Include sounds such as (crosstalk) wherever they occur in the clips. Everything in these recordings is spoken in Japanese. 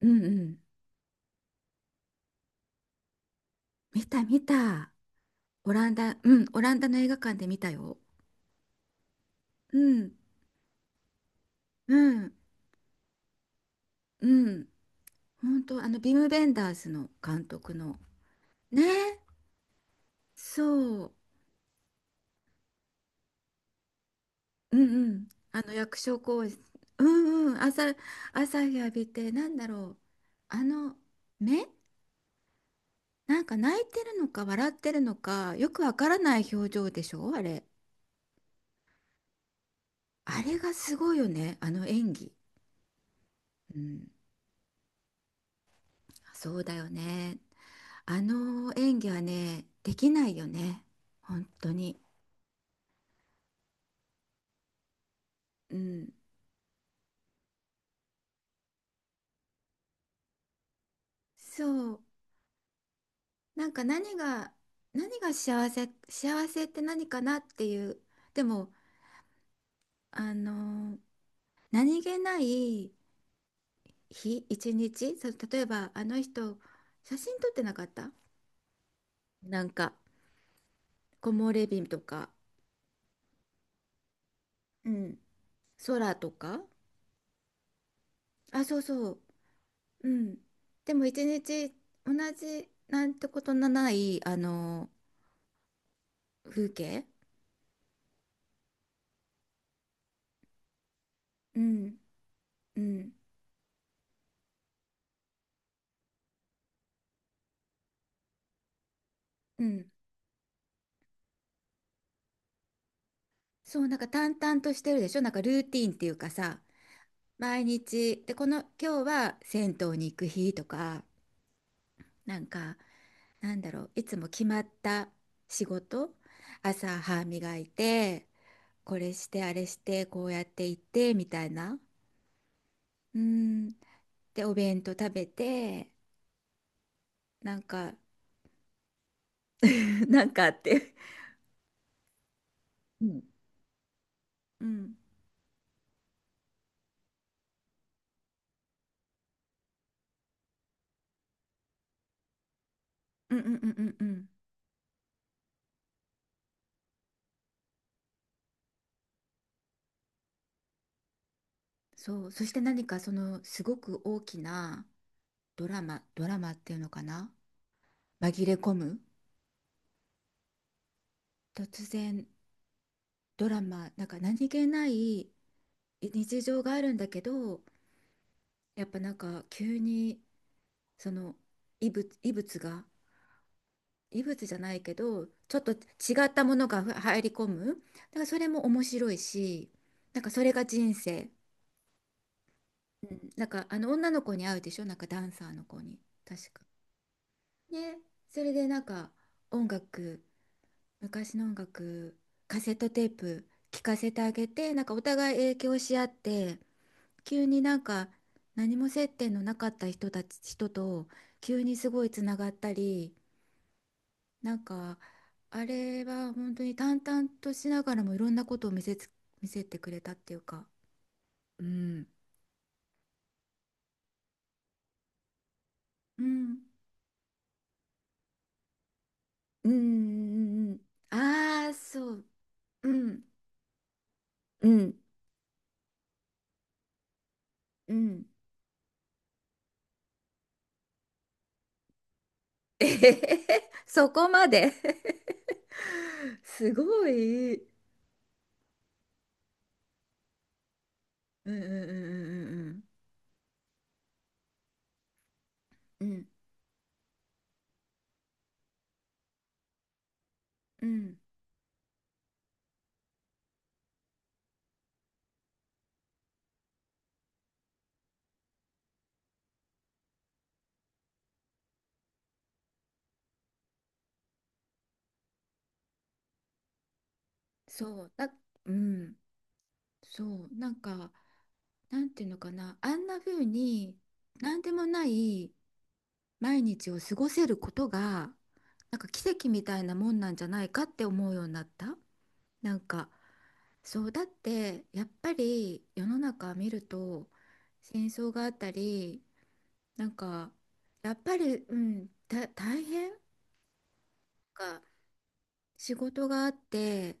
うんうん。見た見た。オランダ、うん、オランダの映画館で見たよ。うん、うん、うん。本当、ビム・ベンダースの監督の。ね、そう。うんうん。役所広司。うんうん。朝日浴びて、なんだろう。あの、目なんか泣いてるのか、笑ってるのか、よくわからない表情でしょ、あれ。あれがすごいよね。あの演技。うん。そうだよね。あの演技はね、できないよね。本当に。うん。そう。なんか何が、何が幸せ、幸せって何かなっていう。でも、あの、何気ない日、一日、そう、例えばあの人、写真撮ってなかった？なんか、木漏れ日とか、うん、空とか。あ、そうそう。うん。でも一日同じなんてことのない、風景。うん、うん、うん。そう、なんか淡々としてるでしょ、なんかルーティーンっていうかさ、毎日、で、この、今日は銭湯に行く日とか、なんか、なんだろう、いつも決まった仕事。朝歯磨いて、これして、あれして、こうやって行って、みたいな。うん。で、お弁当食べて、なんか、(laughs) なんかあって。うんうん。うんうんうんうんうん。そう。そして何かそのすごく大きなドラマ、ドラマっていうのかな、紛れ込む、突然ドラマ、なんか何気ない日常があるんだけど、やっぱなんか急にその異物、異物が、異物じゃないけど、ちょっと違ったものが入り込む。だからそれも面白いし、なんかそれが人生。うん、なんかあの女の子に会うでしょ、なんかダンサーの子に。確か。ね、それでなんか音楽、昔の音楽、カセットテープ聞かせてあげて、なんかお互い影響し合って、急になんか何も接点のなかった人たち、人と急にすごいつながったり、なんかあれは本当に淡々としながらもいろんなことを見せてくれたっていうか、うん、うん、うん、うん、ああー、そう、うん、うん、うん。(laughs) えへへへそこまで (laughs) すごい。うんうんうんうんうんうんうんうん。そうだ。うん。そう、なんかなんていうのかな、あんな風に何でもない毎日を過ごせることがなんか奇跡みたいなもんなんじゃないかって思うようになった。なんかそうだって、やっぱり世の中見ると戦争があったり、なんかやっぱり、うん、大変か仕事があって、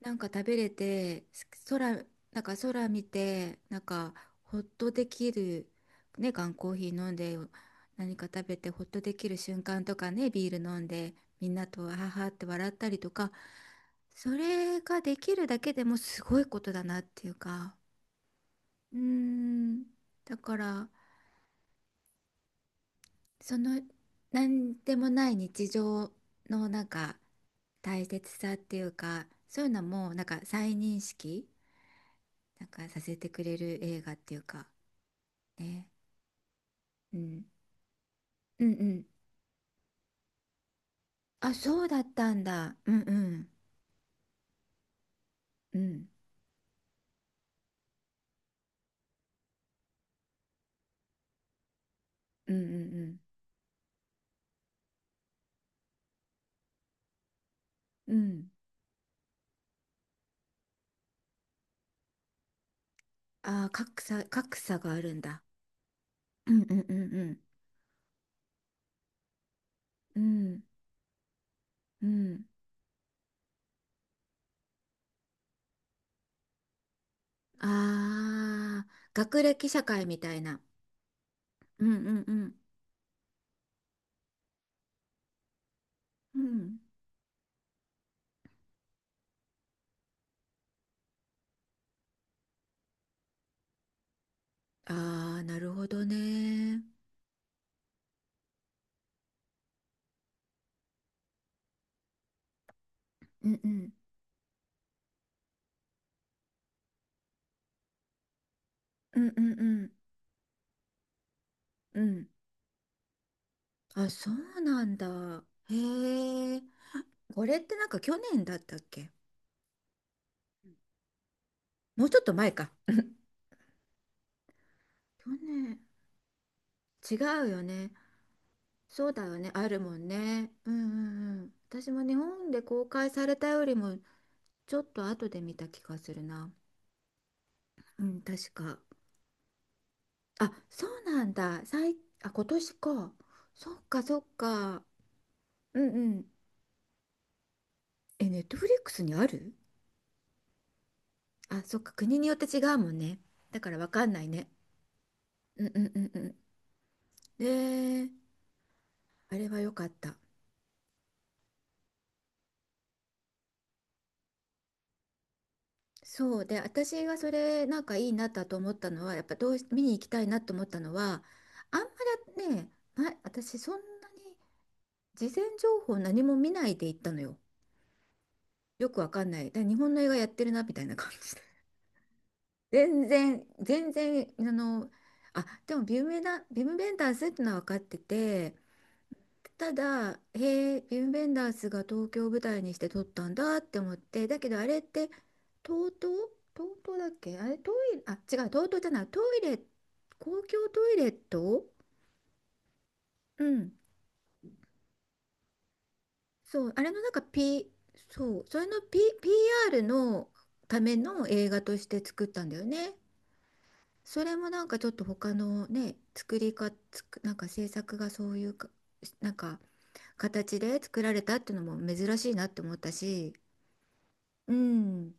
なんか食べれて空、なんか空見て、なんかほっとできる、ね、缶コーヒー飲んで、何か食べてほっとできる瞬間とかね、ビール飲んで、みんなとはははって笑ったりとか、それができるだけでもすごいことだなっていうか。うーん。だから、その何でもない日常のなんか大切さっていうか、そういうのもなんか再認識なんかさせてくれる映画っていうか。ね。うん。うんうん。あ、そうだったんだ。うんうんうんうんうんうんうん。あー格差、格差があるんだ。うんうんうんうんうんうん。あー学歴社会みたいな。うんうんうんうん。ああー、なるほどね。うんうん。うんうんうんうん。あ、そうなんだ。へえ。これってなんか去年だったっけ？もうちょっと前か。去年。違うよね。そうだよね。あるもんね。うんうんうん。私も日本で公開されたよりもちょっと後で見た気がするな。うん、確か。あ、そうなんだ。あ、今年か。そっかそっか。うんうん。え、ネットフリックスにある？あ、そっか、国によって違うもんね。だからわかんないね。うんうんうんうん。で、あれは良かった。そうで、私がそれなんかいいなと思ったのは、やっぱどうし見に行きたいなと思ったのは、あんまりね、ま、私そんなに事前情報何も見ないで行ったのよ。よくわかんない。だから日本の映画やってるなみたいな感じで。(laughs) 全然、全然、あ、でもビムベンダンスってのは分かってて、ただ、へえ、ヴム・ベンダースが東京を舞台にして撮ったんだって思って、だけどあれって、東東東東だっけ、あれ、トイレ、あ、違う、東東じゃない、トイレ、公共トイレット、うん、そう、あれのなんか P、そう、それの P、ピー r のための映画として作ったんだよね。それもなんかちょっと他のね、作りか、つく、なんか制作がそういうか、なんか形で作られたっていうのも珍しいなって思ったし、うん、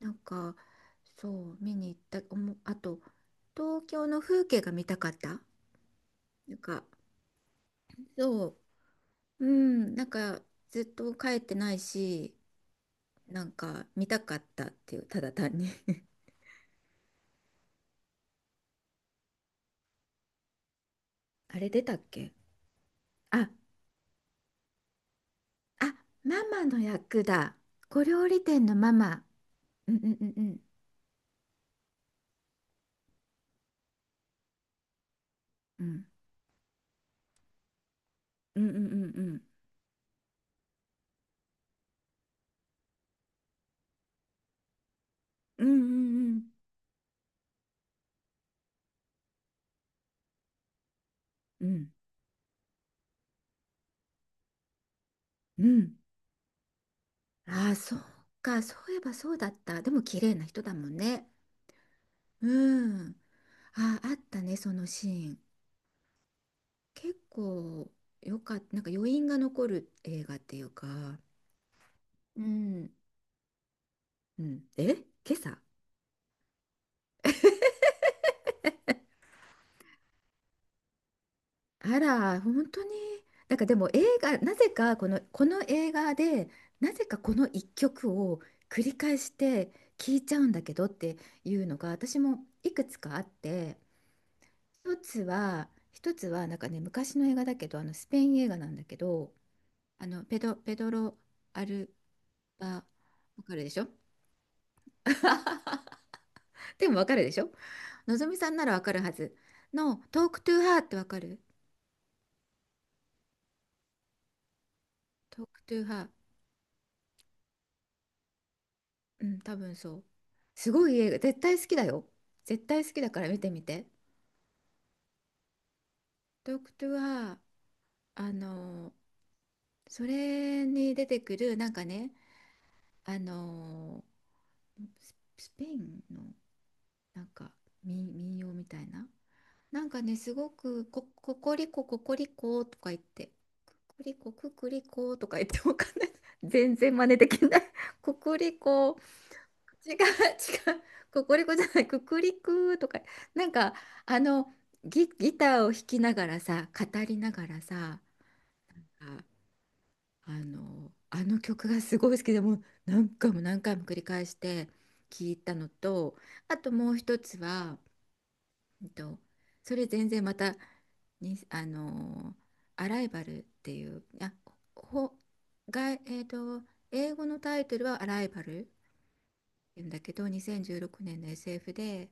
なんかそう見に行ったおもあと、東京の風景が見たかった。なんかそう、うん、なんかずっと帰ってないし、なんか見たかったっていう、ただ単に。 (laughs) あれ出たっけ？ああ、ママの役だ。小料理店のママ。うんうんうんうんうんうんうんうんうんうんうんうんうん。ああー、そうか、そういえばそうだった。でも綺麗な人だもんね。うん。あ、あったね、そのシーン。結構よかった、なんか余韻が残る映画っていうか、うん、うん、え、今朝？あら、本当に、なんかでも映画、なぜかこの映画で、なぜかこの一曲を繰り返して聴いちゃうんだけどっていうのが、私もいくつかあって、一つは、一つは、なんかね、昔の映画だけど、あのスペイン映画なんだけど、ペドロ・アルバ、わかるでしょ？ (laughs) でもわかるでしょ？のぞみさんならわかるはずの「トークトゥーハー」ってわかる？トークトゥーハー。うん、多分そう。すごい映画、絶対好きだよ。絶対好きだから見てみて。トークトゥーハー、あのそれに出てくる、なんかね、あのスペインのなんか民謡みたいな、なんかね、すごくここりこ、ここりこ、とか言って、くくりこ、くくりこ、とか言って、わかんない。全然真似できない。こくりこ、違う、違う。こコりこじゃない、くくりくとか、なんか、あの、ギターを弾きながらさ、語りながらさ、あ、あの曲がすごい好きで、もう何回も何回も繰り返して聞いたのと、あともう一つは、うんと、それ全然またに、アライバルっていう、あ、ほ、が、英語のタイトルはアライバルっていうんだけど、2016年の SF で、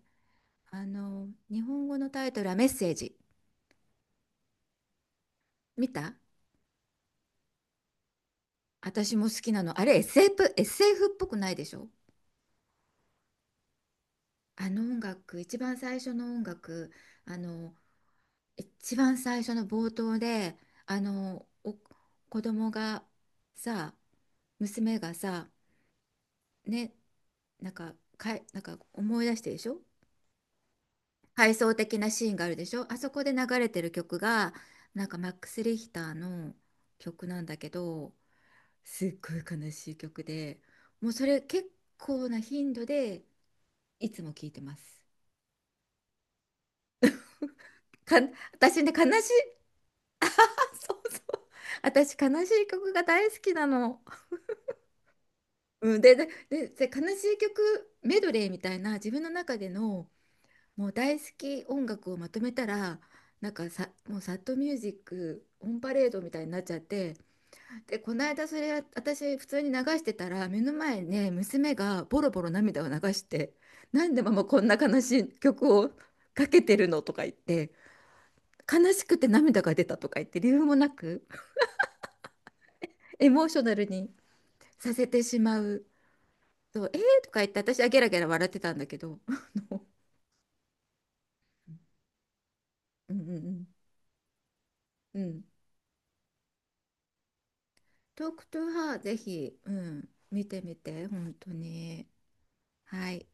日本語のタイトルはメッセージ。見た？私も好きなの。あれ SF、SF っぽくないでしょ？あの音楽、一番最初の音楽、あの一番最初の冒頭で、お子供がさ、娘がさ、ね、なんか、なんか思い出してでしょ？回想的なシーンがあるでしょ？あそこで流れてる曲がなんかマックス・リヒターの曲なんだけど、すっごい悲しい曲で、もうそれ結構な頻度でいつも聴いてます。か私ね悲しい、あ、そうそう。 (laughs) 私悲しい曲が大好きなの。うん、で悲しい曲メドレーみたいな自分の中でのもう大好き音楽をまとめたら、なんかさ、もうサッドミュージックオンパレードみたいになっちゃって。で、この間、それ私普通に流してたら、目の前にね、娘がボロボロ涙を流して「なんでママこんな悲しい曲をかけてるの?」とか言って、悲しくて涙が出たとか言って、理由もなくエモーショナルにさせてしまう。とえーとか言って、私はゲラゲラ笑ってたんだけど。(laughs) うんうんうんうん。トークトゥーハーぜひ、うん、見てみて、本当に。はい。